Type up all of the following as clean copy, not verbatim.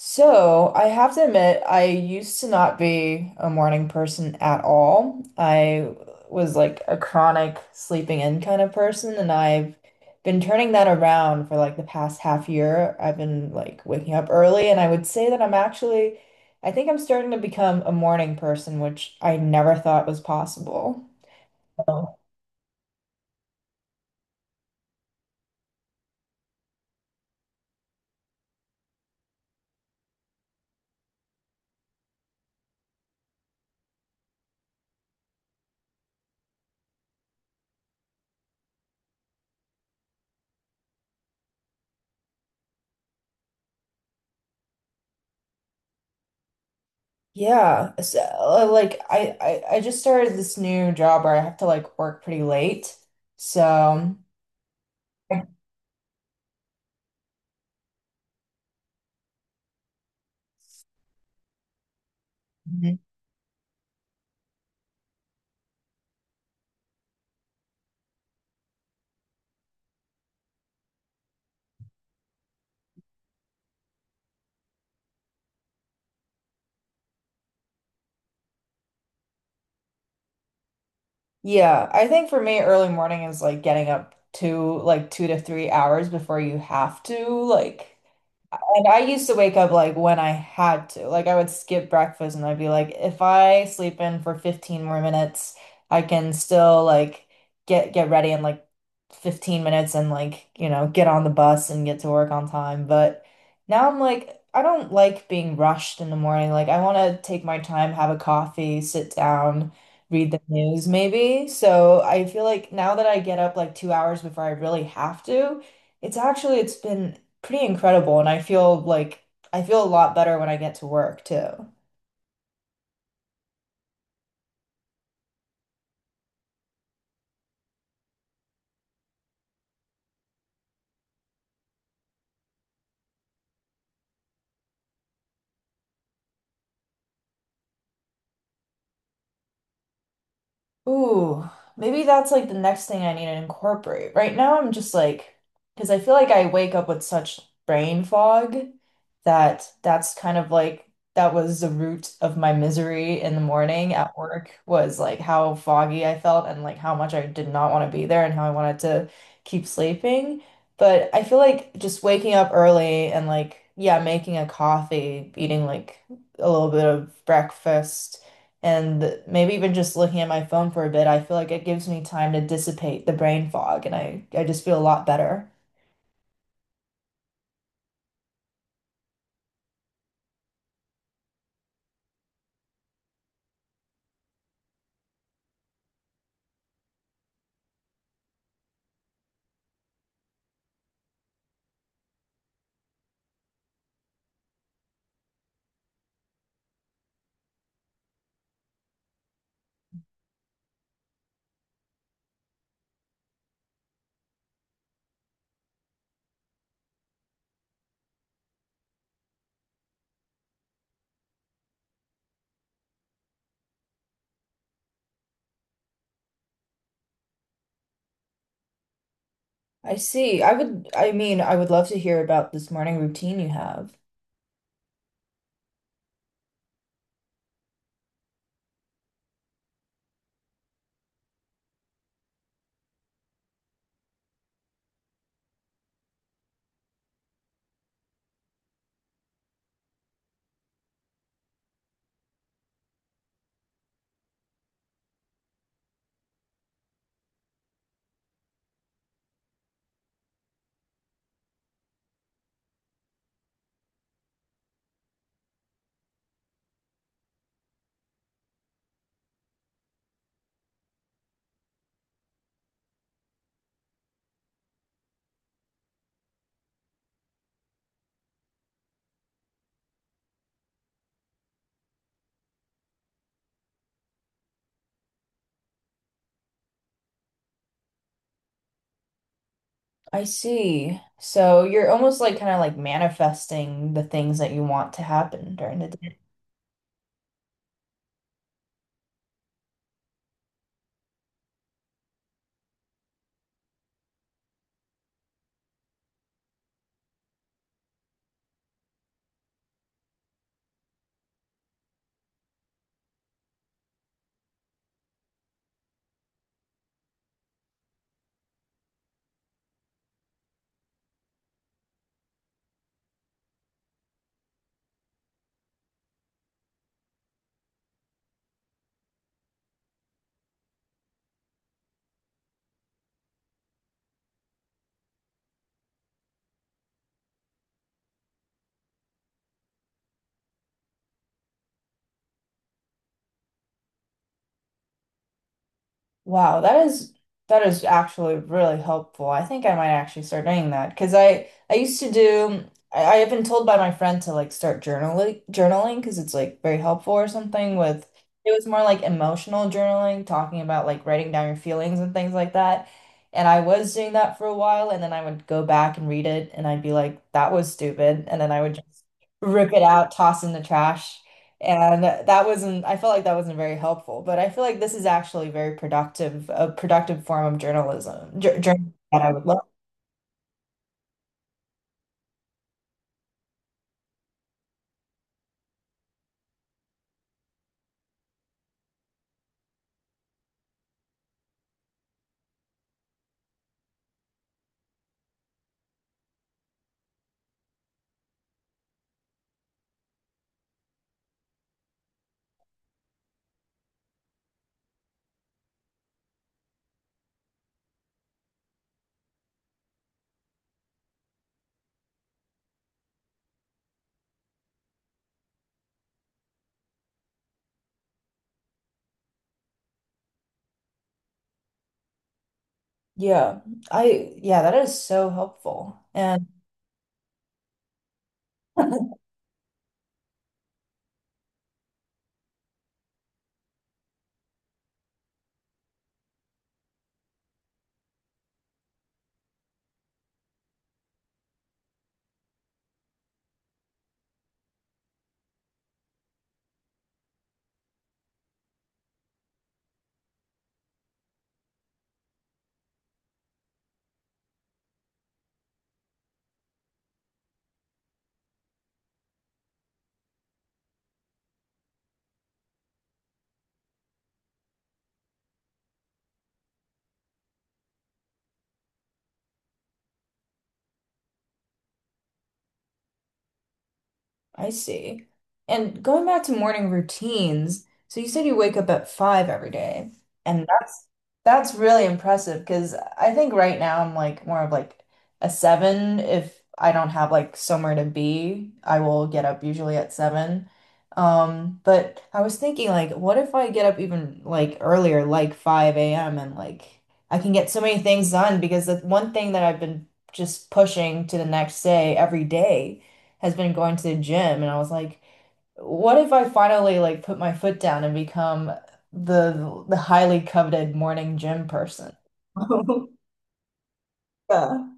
So, I have to admit, I used to not be a morning person at all. I was like a chronic sleeping in kind of person, and I've been turning that around for like the past half year. I've been like waking up early, and I would say that I'm actually, I think I'm starting to become a morning person, which I never thought was possible. Oh. Yeah, so, I just started this new job where I have to like work pretty late. So, mhm. Yeah, I think for me, early morning is like getting up two, like 2 to 3 hours before you have to, like. And I used to wake up like when I had to. Like I would skip breakfast and I'd be like, if I sleep in for 15 more minutes, I can still like get ready in like 15 minutes and like, get on the bus and get to work on time. But now I'm like, I don't like being rushed in the morning. Like I want to take my time, have a coffee, sit down, read the news maybe. So I feel like now that I get up like 2 hours before I really have to, it's actually it's been pretty incredible. And I feel like I feel a lot better when I get to work too. Ooh, maybe that's like the next thing I need to incorporate. Right now, I'm just like, because I feel like I wake up with such brain fog that that was the root of my misery in the morning at work was like how foggy I felt and like how much I did not want to be there and how I wanted to keep sleeping. But I feel like just waking up early and like, yeah, making a coffee, eating like a little bit of breakfast and maybe even just looking at my phone for a bit, I feel like it gives me time to dissipate the brain fog and I just feel a lot better. I see. I would love to hear about this morning routine you have. I see. So you're almost like kind of like manifesting the things that you want to happen during the— Wow, that is actually really helpful. I think I might actually start doing that because I used to do I have been told by my friend to like start journaling because it's like very helpful or something with— it was more like emotional journaling, talking about like writing down your feelings and things like that. And I was doing that for a while and then I would go back and read it and I'd be like, that was stupid. And then I would just rip it out, toss in the trash. And that wasn't, I felt like that wasn't very helpful, but I feel like this is actually very productive, a productive form of journalism, journalism that I would love. Yeah, I, yeah, that is so helpful. And I see. And going back to morning routines, so you said you wake up at five every day, and that's really impressive because I think right now I'm like more of like a seven. If I don't have like somewhere to be, I will get up usually at seven. But I was thinking like, what if I get up even like earlier, like 5 a.m. and like I can get so many things done because the one thing that I've been just pushing to the next day every day has been going to the gym and I was like, what if I finally like put my foot down and become the highly coveted morning gym person? Yeah.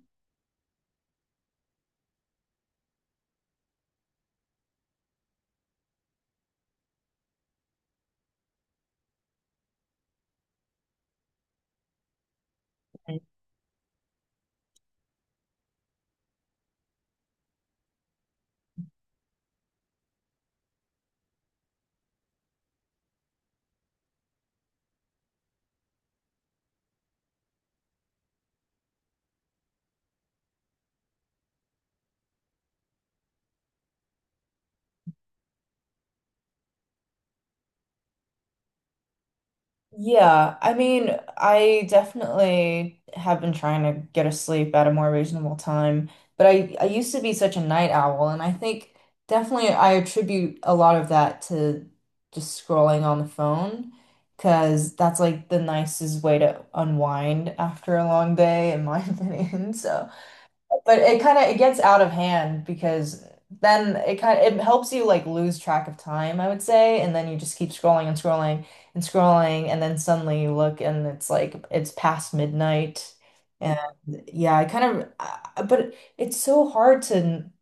Yeah, I mean, I definitely have been trying to get to sleep at a more reasonable time, but I used to be such a night owl, and I think definitely I attribute a lot of that to just scrolling on the phone, because that's like the nicest way to unwind after a long day, in my opinion. So but it kind of it gets out of hand because then it kind of it helps you like lose track of time, I would say, and then you just keep scrolling and scrolling and scrolling, and then suddenly you look and it's like it's past midnight. And yeah, but it's so hard to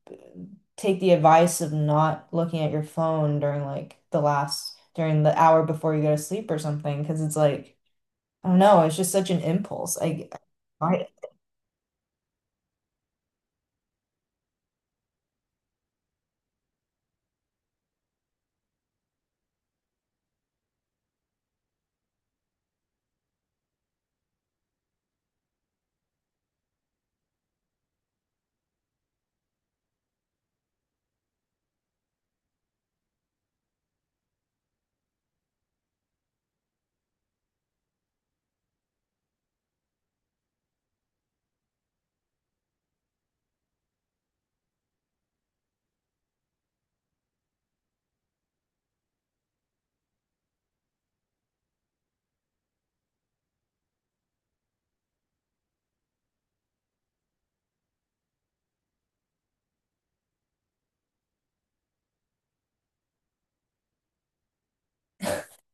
take the advice of not looking at your phone during like the last during the hour before you go to sleep or something because it's like I don't know, it's just such an impulse. I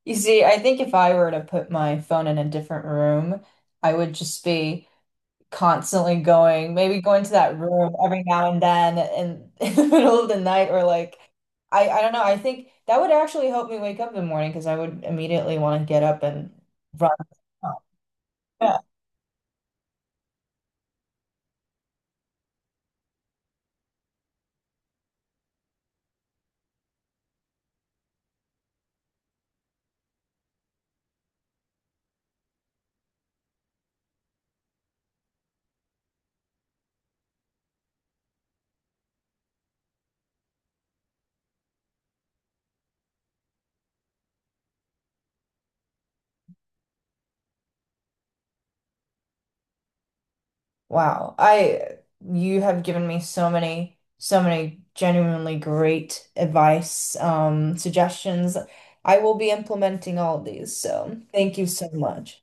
You see, I think if I were to put my phone in a different room, I would just be constantly going, maybe going to that room every now and then in, in the middle of the night or like I don't know. I think that would actually help me wake up in the morning because I would immediately want to get up and run. Yeah. Wow. I You have given me so many so many genuinely great advice, suggestions. I will be implementing all of these, so thank you so much.